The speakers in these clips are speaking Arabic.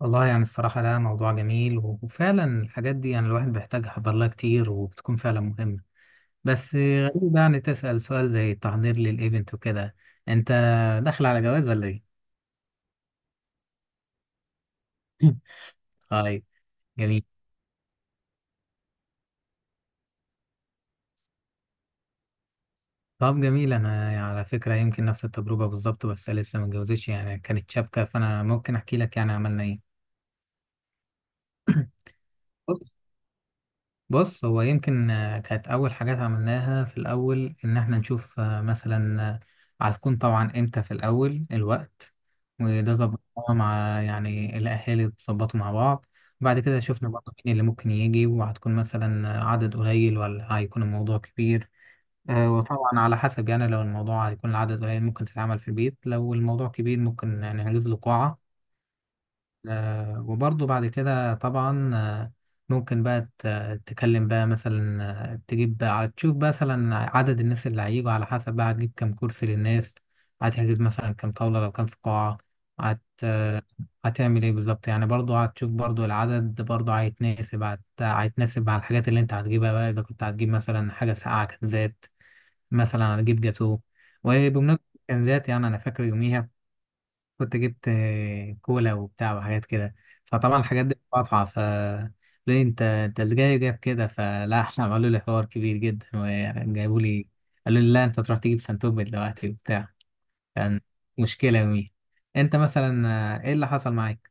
والله يعني الصراحة ده موضوع جميل وفعلا الحاجات دي يعني الواحد بيحتاجها بالله كتير وبتكون فعلا مهمة. بس غريب يعني تسأل سؤال زي التحضير للإيفنت وكده، أنت داخل على جواز ولا إيه؟ طيب، جميل. طب جميل، أنا يعني على فكرة يمكن نفس التجربة بالظبط بس لسه ما اتجوزتش، يعني كانت شابكة فأنا ممكن أحكي لك يعني عملنا إيه. بص، هو يمكن كانت أول حاجات عملناها في الأول إن إحنا نشوف، مثلا هتكون طبعا إمتى في الأول الوقت، وده ظبطناه مع يعني الأهالي، اتظبطوا مع بعض. بعد كده شفنا برضه مين اللي ممكن يجي، وهتكون مثلا عدد قليل ولا هيكون الموضوع كبير. وطبعا على حسب، يعني لو الموضوع هيكون العدد قليل ممكن تتعمل في البيت، لو الموضوع كبير ممكن نحجز له قاعة. وبرضه بعد كده طبعا ممكن بقى تكلم بقى مثلا، تجيب بقى تشوف بقى مثلا عدد الناس اللي هيجوا، على حسب بقى هتجيب كام كرسي للناس، هتحجز مثلا كام طاولة لو كان في قاعة. هت آه، هتعمل ايه بالظبط؟ يعني برضه هتشوف برضه العدد برضه هيتناسب، هيتناسب مع الحاجات اللي انت هتجيبها بقى، اذا كنت هتجيب مثلا حاجة ساقعة، كنزات مثلا، هتجيب جاتوه. وبمناسبة الكنزات، يعني انا فاكر يوميها كنت جبت كولا وبتاع وحاجات كده. فطبعا الحاجات دي مقاطعة، ف ليه انت، اللي جاي جايب كده؟ فلا، احنا عملوا لي حوار كبير جدا وجابوا لي، قالوا لي لا انت تروح تجيب سنتوب دلوقتي وبتاع. كان مشكلة يومي. انت مثلا ايه اللي حصل معاك؟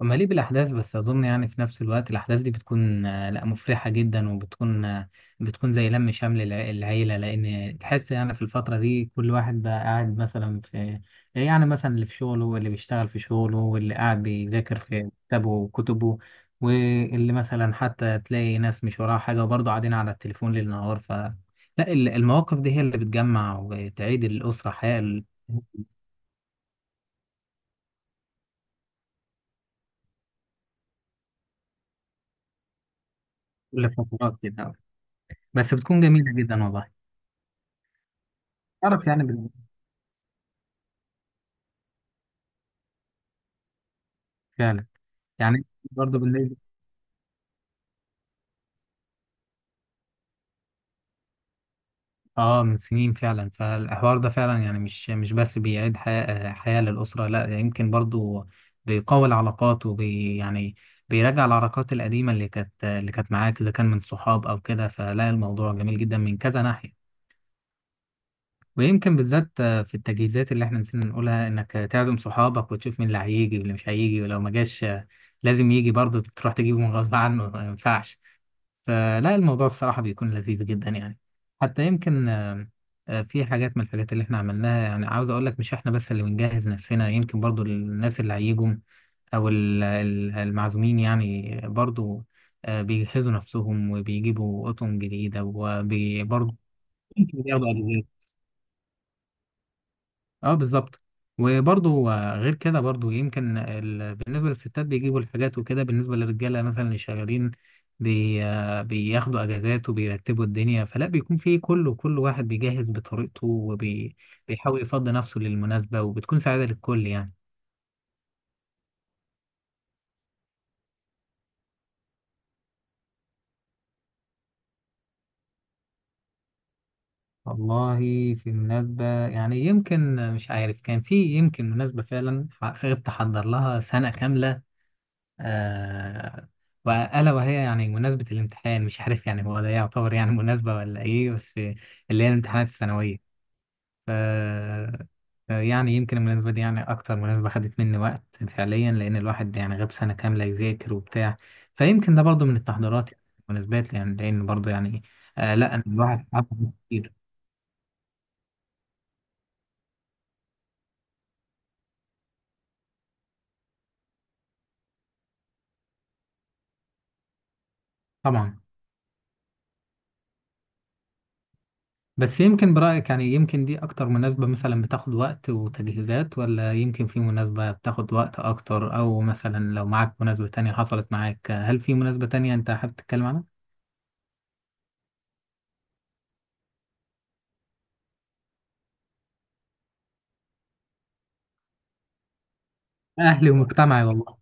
مليء بالأحداث، بس أظن يعني في نفس الوقت الأحداث دي بتكون، لا مفرحة جدا، وبتكون آه، بتكون زي لم شمل العيلة، لأن تحس يعني في الفترة دي كل واحد بقى قاعد مثلا في، يعني مثلا اللي في شغله، واللي بيشتغل في شغله، واللي قاعد بيذاكر في كتابه وكتبه، واللي مثلا حتى تلاقي ناس مش وراها حاجة وبرضه قاعدين على التليفون ليل نهار. ف لا، المواقف دي هي اللي بتجمع وتعيد الأسرة حياة ال- كل فترات كده، بس بتكون جميلة جدا والله. تعرف يعني، فعلا يعني برضه بالنسبة، اه من سنين فعلا، فالحوار ده فعلا يعني مش بس بيعيد حياة للأسرة، لا يمكن برضه بيقوي العلاقات يعني بيراجع العلاقات القديمة اللي كانت معاك، إذا كان من صحاب أو كده. فلا الموضوع جميل جدا من كذا ناحية. ويمكن بالذات في التجهيزات اللي احنا نسينا نقولها، إنك تعزم صحابك وتشوف مين اللي هيجي واللي مش هيجي، ولو ما جاش لازم يجي برضه تروح تجيبه من غصب عنه، ما ينفعش. فلا الموضوع الصراحة بيكون لذيذ جدا يعني. حتى يمكن في حاجات من الحاجات اللي احنا عملناها، يعني عاوز اقول لك مش احنا بس اللي بنجهز نفسنا، يمكن برضو الناس اللي هيجوا او المعزومين يعني برضو بيجهزوا نفسهم وبيجيبوا اطقم جديدة، وبرضو يمكن بياخدوا أجهزة. اه بالظبط. وبرضه غير كده برضه يمكن بالنسبة للستات بيجيبوا الحاجات وكده، بالنسبة للرجالة مثلا اللي شغالين بي... آه، بياخدوا اجازات وبيرتبوا الدنيا. فلا بيكون في كله، كل واحد بيجهز بطريقته وبيحاول يفضي نفسه للمناسبة، وبتكون سعادة للكل يعني. والله في مناسبة يعني، يمكن مش عارف، كان في يمكن مناسبة فعلا حقيقة بتحضر لها سنة كاملة. آه وألا وهي يعني مناسبة الامتحان، مش عارف يعني هو ده يعتبر يعني مناسبة ولا إيه، بس اللي هي الامتحانات الثانوية. ف يعني يمكن المناسبة دي يعني أكتر مناسبة خدت مني وقت فعليا، لأن الواحد يعني غاب سنة كاملة يذاكر وبتاع. فيمكن ده برضو من التحضيرات يعني، المناسبات يعني، لأن برضو يعني، آه لا أنا الواحد عارف ناس كتير. طبعا. بس يمكن برأيك يعني، يمكن دي أكتر مناسبة مثلا بتاخد وقت وتجهيزات، ولا يمكن في مناسبة بتاخد وقت أكتر، أو مثلا لو معاك مناسبة تانية حصلت معاك، هل في مناسبة تانية أنت حابب تتكلم عنها؟ أهلي ومجتمعي والله.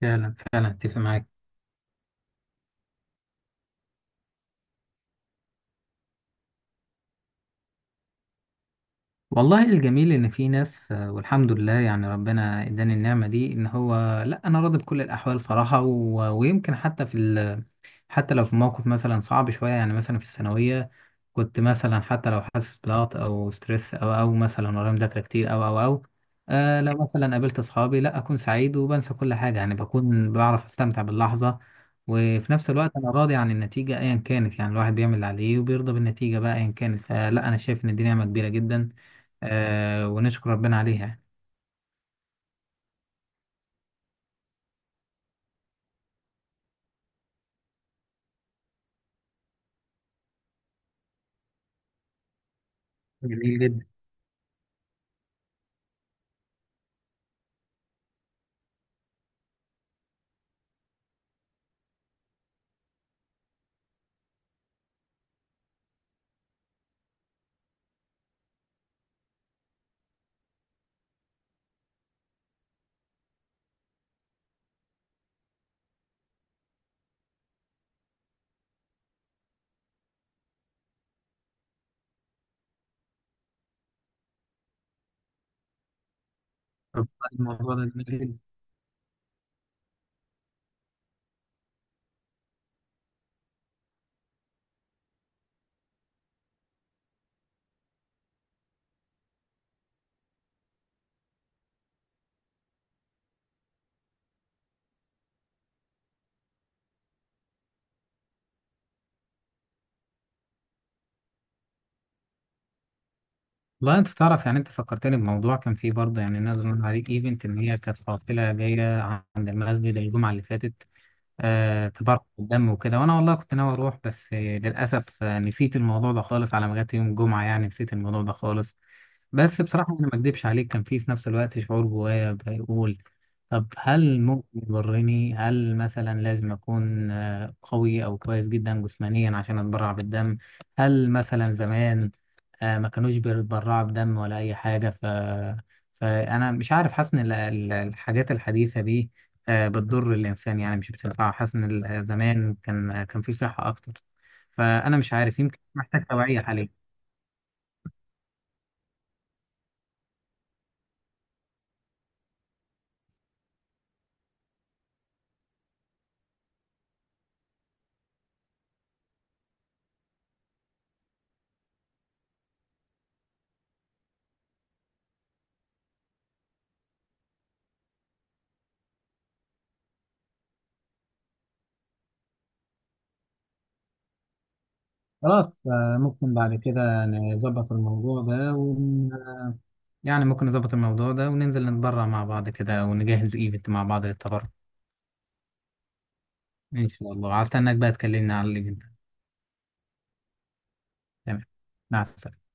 فعلا فعلا أتفق معاك. والله الجميل إن في ناس، والحمد لله يعني ربنا إداني النعمة دي إن هو، لأ أنا راضي بكل الأحوال صراحة. ويمكن حتى حتى لو في موقف مثلا صعب شوية، يعني مثلا في الثانوية كنت مثلا حتى لو حاسس بضغط او ستريس او مثلا ورايا مذاكره كتير او آه لو مثلا قابلت اصحابي لا اكون سعيد وبنسى كل حاجه، يعني بكون بعرف استمتع باللحظه. وفي نفس الوقت انا راضي عن النتيجه ايا كانت، يعني الواحد بيعمل اللي عليه وبيرضى بالنتيجه بقى ايا كانت. فلا انا شايف ان دي نعمه كبيره جدا، آه ونشكر ربنا عليها يعني. جميل جدا. طب الموضوع ده جميل جدا، والله انت تعرف يعني، انت فكرتني بموضوع كان فيه برضه، يعني نقدر نقول عليه ايفنت، ان هي كانت قافله جايه عند المسجد الجمعه اللي فاتت، تبرع بالدم وكده. وانا والله كنت ناوي اروح، بس للاسف نسيت الموضوع ده خالص، على ما جت يوم الجمعه يعني نسيت الموضوع ده خالص. بس بصراحه انا ما اكدبش عليك، كان في نفس الوقت شعور جوايا بيقول، طب هل ممكن يضرني؟ هل مثلا لازم اكون قوي او كويس جدا جسمانيا عشان اتبرع بالدم؟ هل مثلا زمان ما كانوش بيتبرعوا بدم ولا اي حاجه؟ ف فانا مش عارف، حاسس ان الحاجات الحديثه دي بتضر الانسان يعني مش بتنفعه، حاسس ان زمان كان في صحه اكتر. فانا مش عارف، يمكن محتاج توعيه حاليا. خلاص ممكن بعد كده نظبط الموضوع ده ون... آه، يعني ممكن نظبط الموضوع ده وننزل نتبرع مع بعض كده ونجهز ايفنت مع بعض للتبرع. ان شاء الله هستناك بقى تكلمني على الايفنت. تمام، مع السلامه.